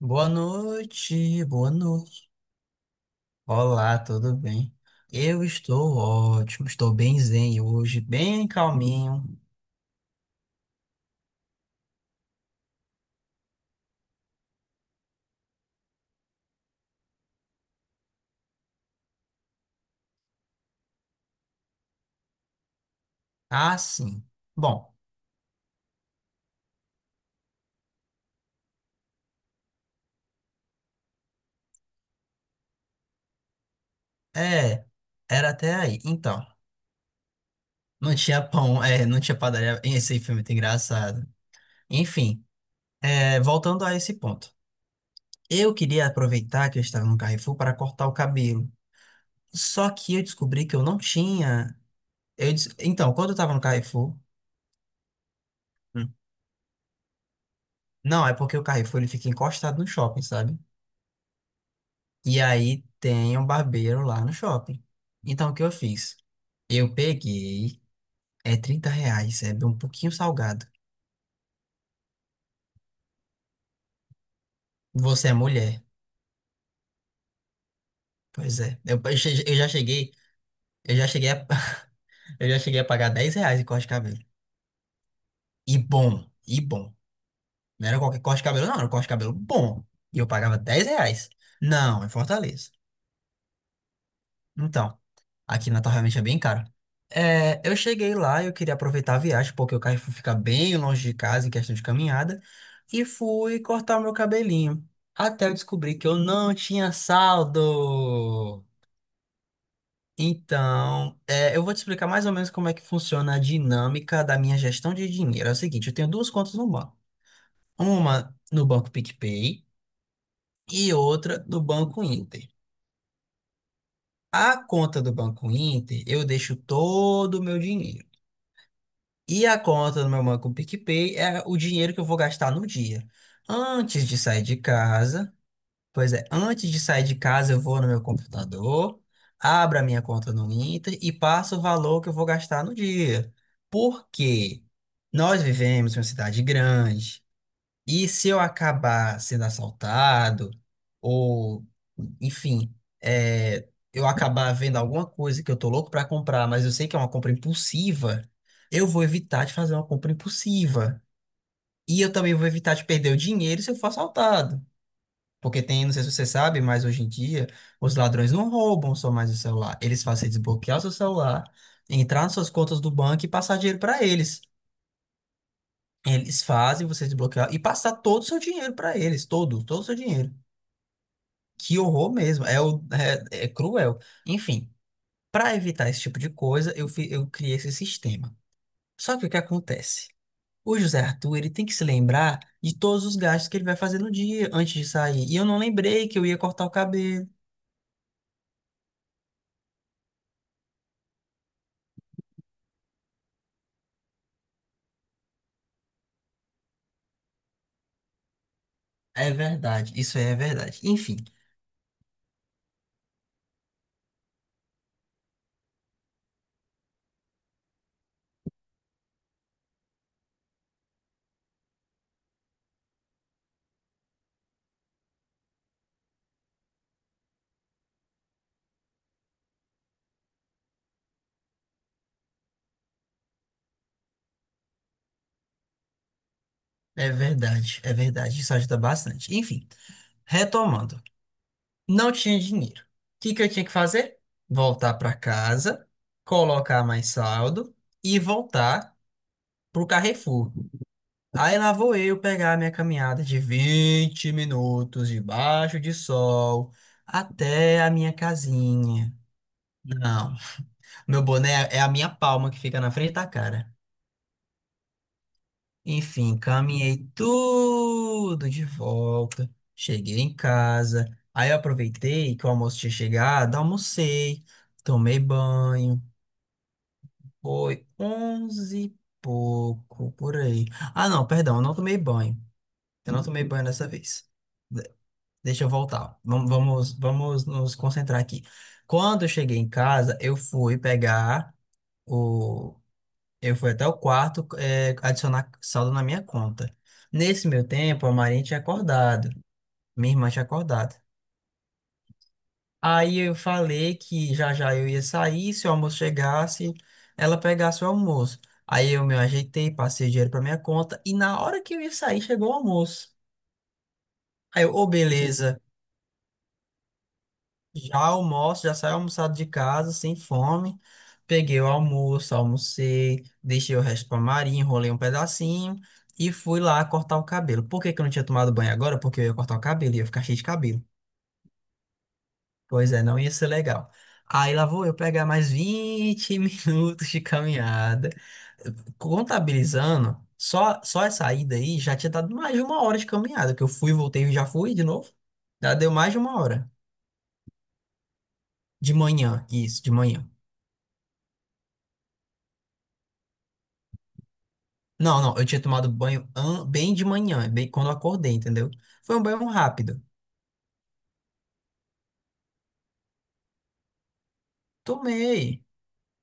Boa noite, boa noite. Olá, tudo bem? Eu estou ótimo, estou bem zen hoje, bem calminho. Ah, sim. Bom, é, era até aí. Então, não tinha pão, não tinha padaria. Esse filme muito engraçado. Enfim, voltando a esse ponto. Eu queria aproveitar que eu estava no Carrefour para cortar o cabelo. Só que eu descobri que eu não tinha. Então, quando eu estava no Carrefour. Hum. Não, é porque o Carrefour ele fica encostado no shopping, sabe? E aí tem um barbeiro lá no shopping. Então o que eu fiz? Eu peguei, é R$ 30, é um pouquinho salgado. Você é mulher. Pois é. Eu já cheguei a, eu já cheguei a pagar R$ 10 em corte de cabelo. E bom. Não era qualquer corte de cabelo, não, era um corte de cabelo bom. E eu pagava R$ 10. Não, em Fortaleza. Então, aqui Natal realmente é bem caro. É, eu cheguei lá, eu queria aproveitar a viagem, porque o Carrefour fica bem longe de casa em questão de caminhada, e fui cortar o meu cabelinho. Até eu descobri que eu não tinha saldo. Então, eu vou te explicar mais ou menos como é que funciona a dinâmica da minha gestão de dinheiro. É o seguinte, eu tenho duas contas no banco. Uma no Banco PicPay e outra no Banco Inter. A conta do Banco Inter, eu deixo todo o meu dinheiro. E a conta do meu banco PicPay é o dinheiro que eu vou gastar no dia. Antes de sair de casa, pois é, antes de sair de casa, eu vou no meu computador, abro a minha conta no Inter e passo o valor que eu vou gastar no dia. Porque nós vivemos em uma cidade grande. E se eu acabar sendo assaltado, ou, enfim, eu acabar vendo alguma coisa que eu tô louco pra comprar, mas eu sei que é uma compra impulsiva, eu vou evitar de fazer uma compra impulsiva. E eu também vou evitar de perder o dinheiro se eu for assaltado. Porque tem, não sei se você sabe, mas hoje em dia os ladrões não roubam só mais o celular. Eles fazem você desbloquear o seu celular, entrar nas suas contas do banco e passar dinheiro pra eles. Eles fazem você desbloquear e passar todo o seu dinheiro para eles, todo, todo o seu dinheiro. Que horror mesmo, é cruel. Enfim, para evitar esse tipo de coisa, eu criei esse sistema. Só que o que acontece? O José Arthur, ele tem que se lembrar de todos os gastos que ele vai fazer no dia antes de sair. E eu não lembrei que eu ia cortar o cabelo. É verdade, isso é verdade. Enfim, é verdade, isso ajuda bastante. Enfim, retomando. Não tinha dinheiro. O que que eu tinha que fazer? Voltar para casa, colocar mais saldo e voltar pro Carrefour. Aí lá vou eu pegar a minha caminhada de 20 minutos debaixo de sol até a minha casinha. Não, meu boné é a minha palma que fica na frente da cara. Enfim, caminhei tudo de volta. Cheguei em casa. Aí eu aproveitei que o almoço tinha chegado, almocei, tomei banho. Foi 11 e pouco por aí. Ah, não, perdão, eu não tomei banho. Eu não tomei banho dessa vez. De- Deixa eu voltar. Vamos, vamos, vamos nos concentrar aqui. Quando eu cheguei em casa, eu fui até o quarto, adicionar saldo na minha conta. Nesse meu tempo, a Marinha tinha acordado, minha irmã tinha acordado. Aí eu falei que já já eu ia sair, se o almoço chegasse, ela pegasse o almoço. Aí eu me ajeitei, passei o dinheiro para minha conta e na hora que eu ia sair, chegou o almoço. Aí eu, ô, beleza. Já almoço, já saí almoçado de casa, sem fome. Peguei o almoço, almocei, deixei o resto pra Maria, enrolei um pedacinho e fui lá cortar o cabelo. Por que que eu não tinha tomado banho agora? Porque eu ia cortar o cabelo, ia ficar cheio de cabelo. Pois é, não ia ser legal. Aí lá vou eu pegar mais 20 minutos de caminhada. Contabilizando, só, só essa ida aí já tinha dado mais de uma hora de caminhada, que eu fui, voltei e já fui de novo. Já deu mais de uma hora. De manhã, isso, de manhã. Não, não, eu tinha tomado banho bem de manhã, bem quando eu acordei, entendeu? Foi um banho rápido. Tomei.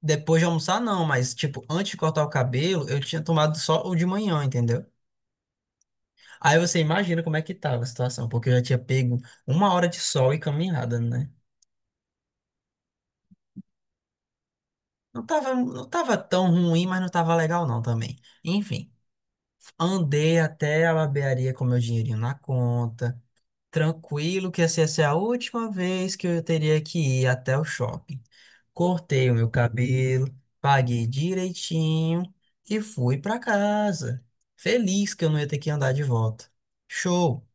Depois de almoçar, não, mas, tipo, antes de cortar o cabelo, eu tinha tomado só o de manhã, entendeu? Aí você imagina como é que tava a situação, porque eu já tinha pego uma hora de sol e caminhada, né? Não tava, não tava tão ruim, mas não tava legal, não, também. Enfim, andei até a barbearia com meu dinheirinho na conta. Tranquilo, que assim, essa é a última vez que eu teria que ir até o shopping. Cortei o meu cabelo, paguei direitinho e fui pra casa. Feliz que eu não ia ter que andar de volta. Show!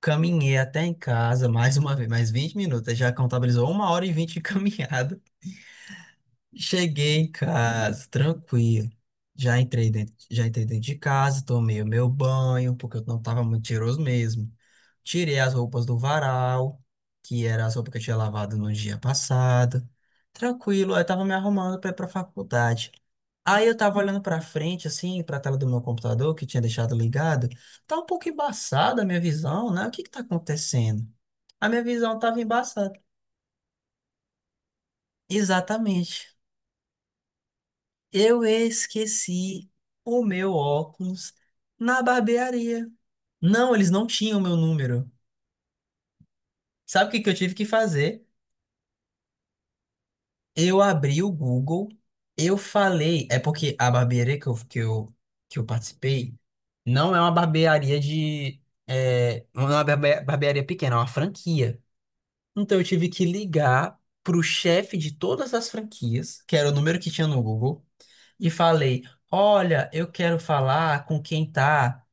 Caminhei até em casa mais uma vez, mais 20 minutos. Já contabilizou 1 hora e 20 de caminhada. Cheguei em casa, tranquilo. Já entrei dentro de casa, tomei o meu banho, porque eu não tava muito cheiroso mesmo. Tirei as roupas do varal, que era as roupas que eu tinha lavado no dia passado. Tranquilo, aí eu tava me arrumando pra ir pra faculdade. Aí eu tava olhando pra frente, assim, pra tela do meu computador, que tinha deixado ligado. Tá um pouco embaçada a minha visão, né? O que que tá acontecendo? A minha visão tava embaçada. Exatamente. Eu esqueci o meu óculos na barbearia. Não, eles não tinham meu número. Sabe o que que eu tive que fazer? Eu abri o Google, eu falei. É porque a barbearia que eu participei não é uma barbearia de. É, não é uma barbearia pequena, é uma franquia. Então eu tive que ligar pro chefe de todas as franquias, que era o número que tinha no Google, e falei: Olha, eu quero falar com quem tá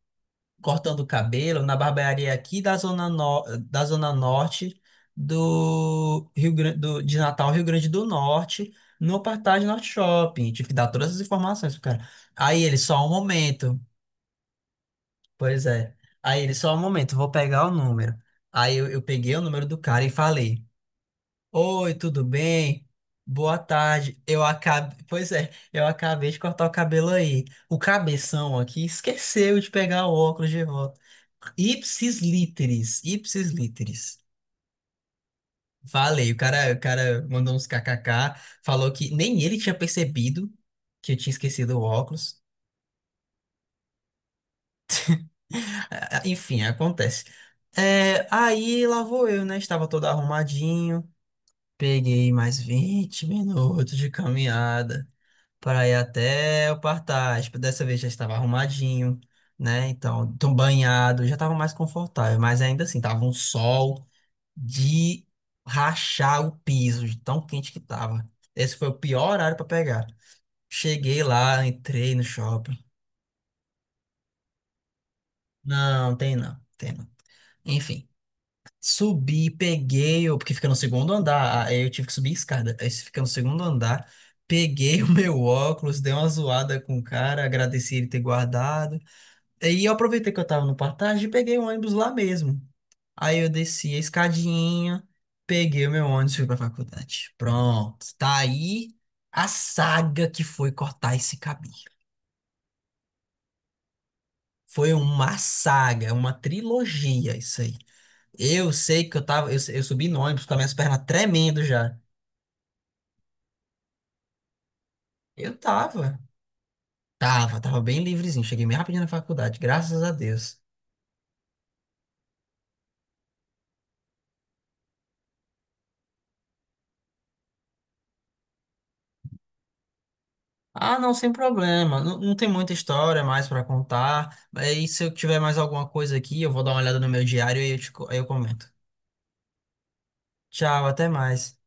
cortando o cabelo na barbearia aqui da zona, da zona norte do de Natal, Rio Grande do Norte, no Partage Norte Shopping. Tive que dar todas as informações pro cara. Aí ele, só um momento. Pois é. Aí ele, só um momento, vou pegar o número. Aí eu peguei o número do cara e falei. Oi, tudo bem? Boa tarde. Eu acabei, pois é, eu acabei de cortar o cabelo aí. O cabeção aqui esqueceu de pegar o óculos de volta. Ipsis literis, ipsis literis. Falei, o cara mandou uns kkk, falou que nem ele tinha percebido que eu tinha esquecido o óculos. Enfim, acontece. É, aí lá vou eu, né? Estava todo arrumadinho. Peguei mais 20 minutos de caminhada para ir até o Partage. Dessa vez já estava arrumadinho, né? Então, tão banhado, já estava mais confortável, mas ainda assim, tava um sol de rachar o piso, de tão quente que tava. Esse foi o pior horário para pegar. Cheguei lá, entrei no shopping. Não, tem não, tem não. Enfim, subi, peguei, porque fica no segundo andar, aí eu tive que subir escada. Aí fica no segundo andar, peguei o meu óculos, dei uma zoada com o cara, agradeci ele ter guardado. Aí eu aproveitei que eu tava no Partage e peguei o ônibus lá mesmo. Aí eu desci a escadinha, peguei o meu ônibus e fui pra faculdade. Pronto, tá aí a saga que foi cortar esse cabelo. Foi uma saga, é uma trilogia isso aí. Eu sei que eu tava, eu subi no ônibus com as minhas pernas tremendo já. Eu tava, tava bem livrezinho. Cheguei bem rapidinho na faculdade, graças a Deus. Ah, não, sem problema. Não, não tem muita história mais para contar. E se eu tiver mais alguma coisa aqui, eu vou dar uma olhada no meu diário e eu comento. Tchau, até mais.